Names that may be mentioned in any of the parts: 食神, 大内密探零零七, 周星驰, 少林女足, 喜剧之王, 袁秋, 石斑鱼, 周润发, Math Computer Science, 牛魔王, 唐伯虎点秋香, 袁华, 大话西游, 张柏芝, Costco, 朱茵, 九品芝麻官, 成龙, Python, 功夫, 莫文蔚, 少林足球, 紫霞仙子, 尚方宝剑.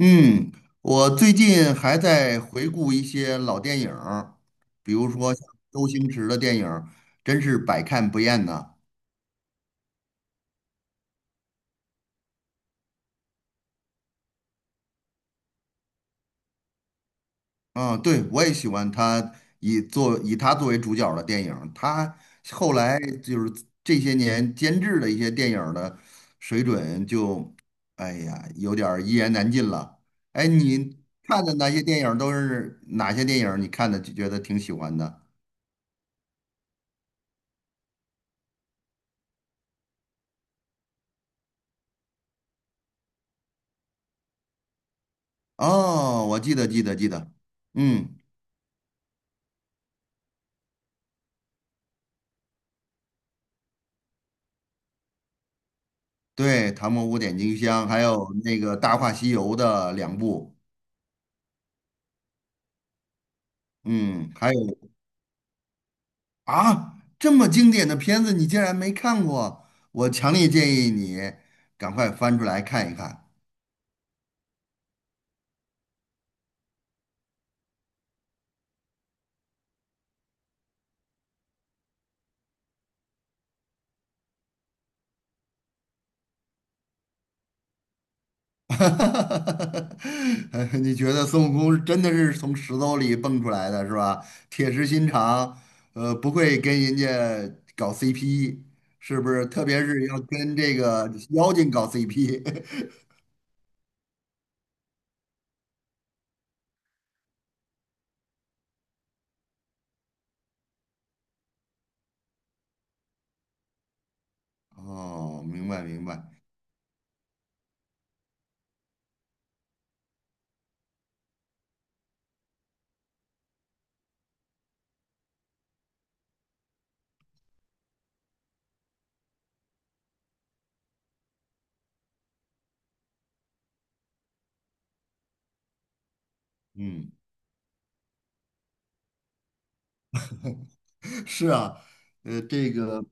嗯，我最近还在回顾一些老电影儿，比如说像周星驰的电影儿，真是百看不厌呐。啊，对，我也喜欢他以他作为主角儿的电影儿。他后来就是这些年监制的一些电影儿的水准就，哎呀，有点儿一言难尽了。哎，你看的那些电影儿都是哪些电影儿，你看的就觉得挺喜欢的？哦，我记得，记得，记得，嗯。对，《唐伯虎点秋香》，还有那个《大话西游》的两部，嗯，还有。啊，这么经典的片子你竟然没看过，我强烈建议你赶快翻出来看一看。你觉得孙悟空真的是从石头里蹦出来的，是吧？铁石心肠，不会跟人家搞 CP，是不是？特别是要跟这个妖精搞 CP。哦，明白明白，嗯。是啊，这个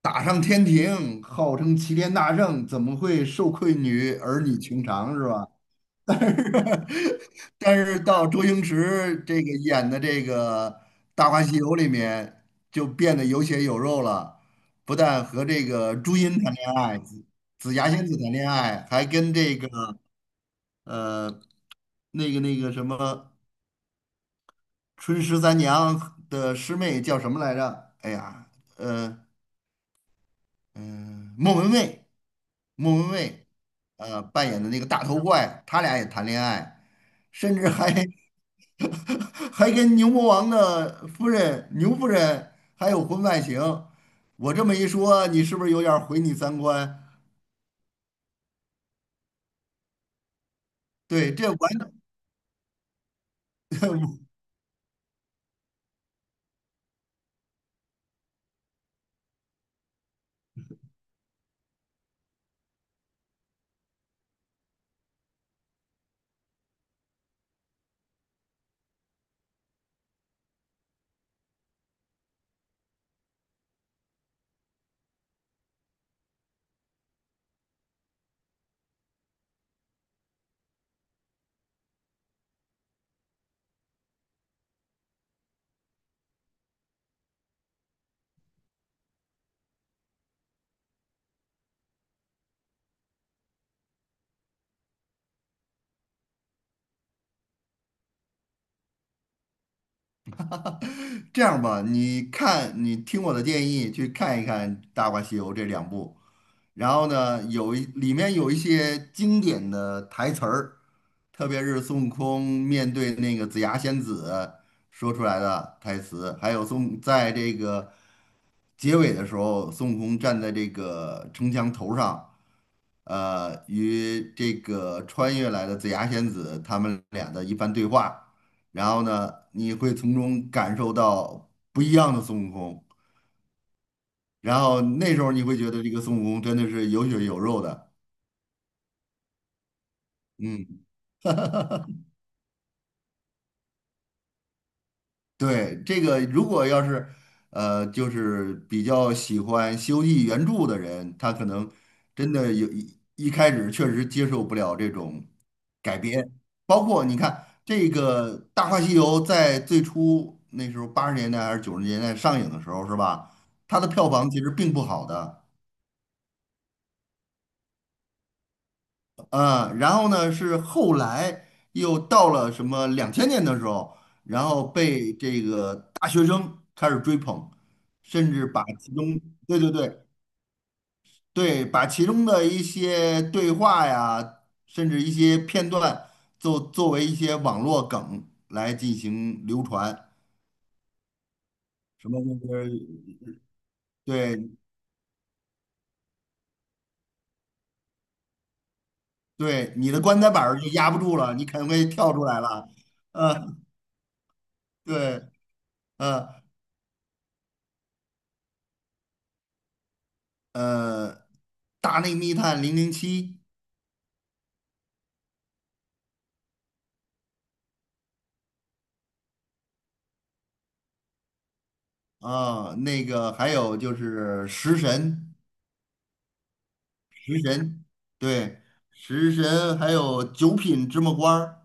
打上天庭，号称齐天大圣，怎么会受困于儿女情长，是吧？但是，但是到周星驰这个演的这个《大话西游》里面，就变得有血有肉了，不但和这个朱茵谈恋爱，紫霞仙子谈恋爱，还跟这个呃那个什么春十三娘的师妹叫什么来着？哎呀，呃。嗯，莫文蔚，扮演的那个大头怪，他俩也谈恋爱，甚至还 还跟牛魔王的夫人牛夫人还有婚外情。我这么一说，你是不是有点儿毁你三观？对，这样吧，你看，你听我的建议，去看一看《大话西游》这两部。然后呢，里面有一些经典的台词儿。特别是孙悟空面对那个紫霞仙子说出来的台词，还有在这个结尾的时候，孙悟空站在这个城墙头上，与这个穿越来的紫霞仙子他们俩的一番对话。然后呢，你会从中感受到不一样的孙悟空，然后那时候你会觉得这个孙悟空真的是有血有肉的，嗯。对，这个如果要是，就是比较喜欢西游记》原著的人，他可能真的一开始确实接受不了这种改编，包括你看这个《大话西游》在最初那时候80年代还是90年代上映的时候，是吧？它的票房其实并不好的。嗯，然后呢是后来又到了什么2000年的时候，然后被这个大学生开始追捧，甚至把其中，对对对对，把其中的一些对话呀，甚至一些片段，作为一些网络梗来进行流传。什么就是，对对，你的棺材板儿就压不住了，你肯定会跳出来了。嗯，对，嗯。呃，《大内密探零零七》。啊，那个还有就是食神，食神，对，食神，还有九品芝麻官儿，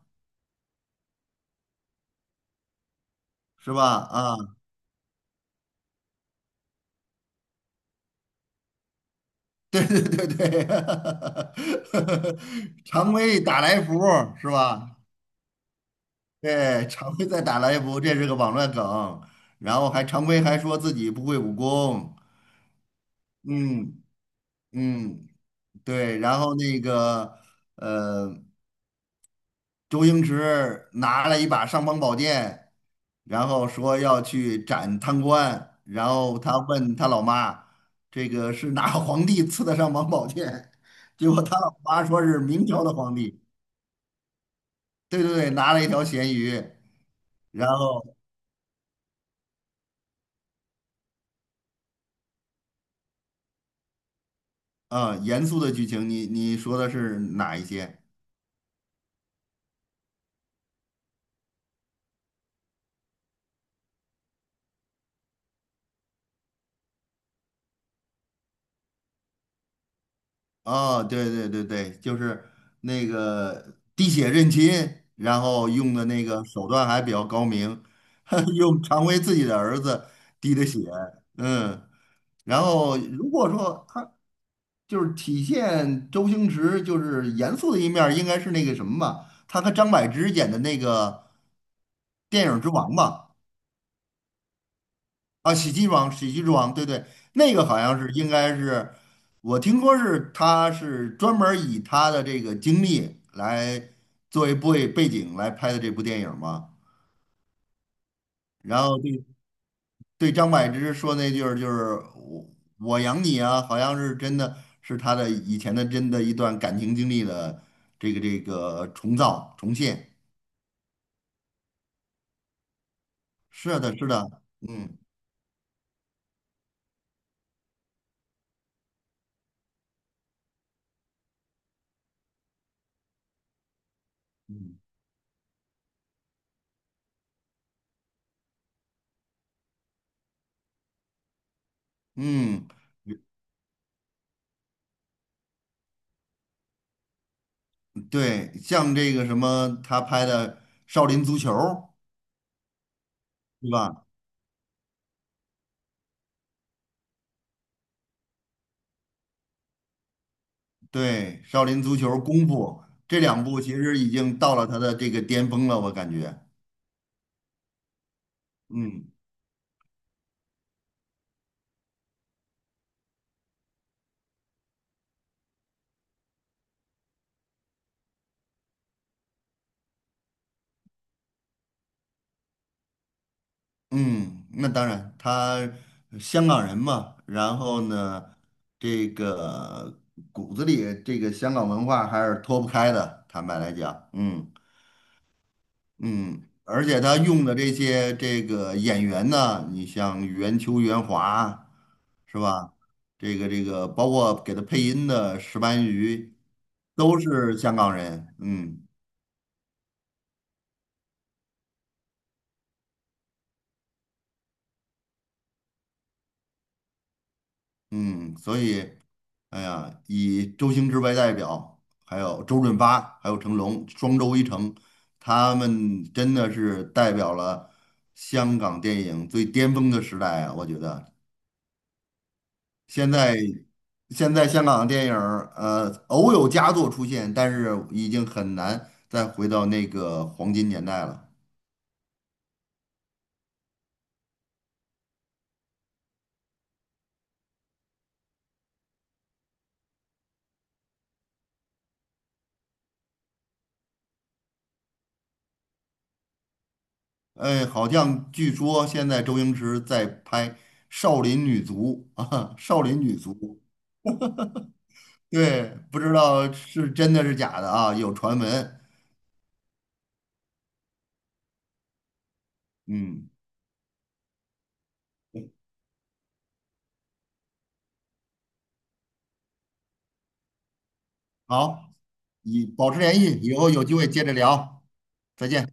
是吧？啊，对对对对，常规打来福儿，是吧？对，常规在打来福，这是个网络梗。然后还常规还说自己不会武功。嗯嗯，对，然后那个。呃。周星驰拿了一把尚方宝剑，然后说要去斩贪官，然后他问他老妈，这个是哪个皇帝赐的尚方宝剑？结果他老妈说是明朝的皇帝。对对对，拿了一条咸鱼，然后嗯，严肃的剧情，你说的是哪一些？哦，对对对对，就是那个滴血认亲，然后用的那个手段还比较高明。用常威自己的儿子滴的血。嗯，然后如果说他就是体现周星驰就是严肃的一面儿，应该是那个什么吧，他和张柏芝演的那个电影之王吧。啊，喜剧之王，对对。那个好像是应该是，我听说是他是专门儿以他的这个经历来作为背景来拍的这部电影嘛。然后对，对张柏芝说那句儿就是我养你啊，好像是真的是他的以前的真的一段感情经历的这个重现。是的，是的，嗯。嗯嗯，对，像这个什么，他拍的《少林足球》，对吧？对，少林足球、功夫这两部其实已经到了他的这个巅峰了，我感觉。嗯嗯，那当然，他香港人嘛，然后呢，这个骨子里这个香港文化还是脱不开的，坦白来讲，嗯。嗯，而且他用的这些这个演员呢，你像袁秋、袁华，是吧？这个，包括给他配音的石斑鱼，都是香港人。嗯嗯，所以，哎呀，以周星驰为代表，还有周润发，还有成龙，双周一成，他们真的是代表了香港电影最巅峰的时代啊！我觉得现在现在香港的电影儿，偶有佳作出现，但是已经很难再回到那个黄金年代了。哎，好像据说现在周星驰在拍《少林女足》啊，《少林女足》对，不知道是真的是假的啊，有传闻。嗯，好，以保持联系，以后有机会接着聊，再见。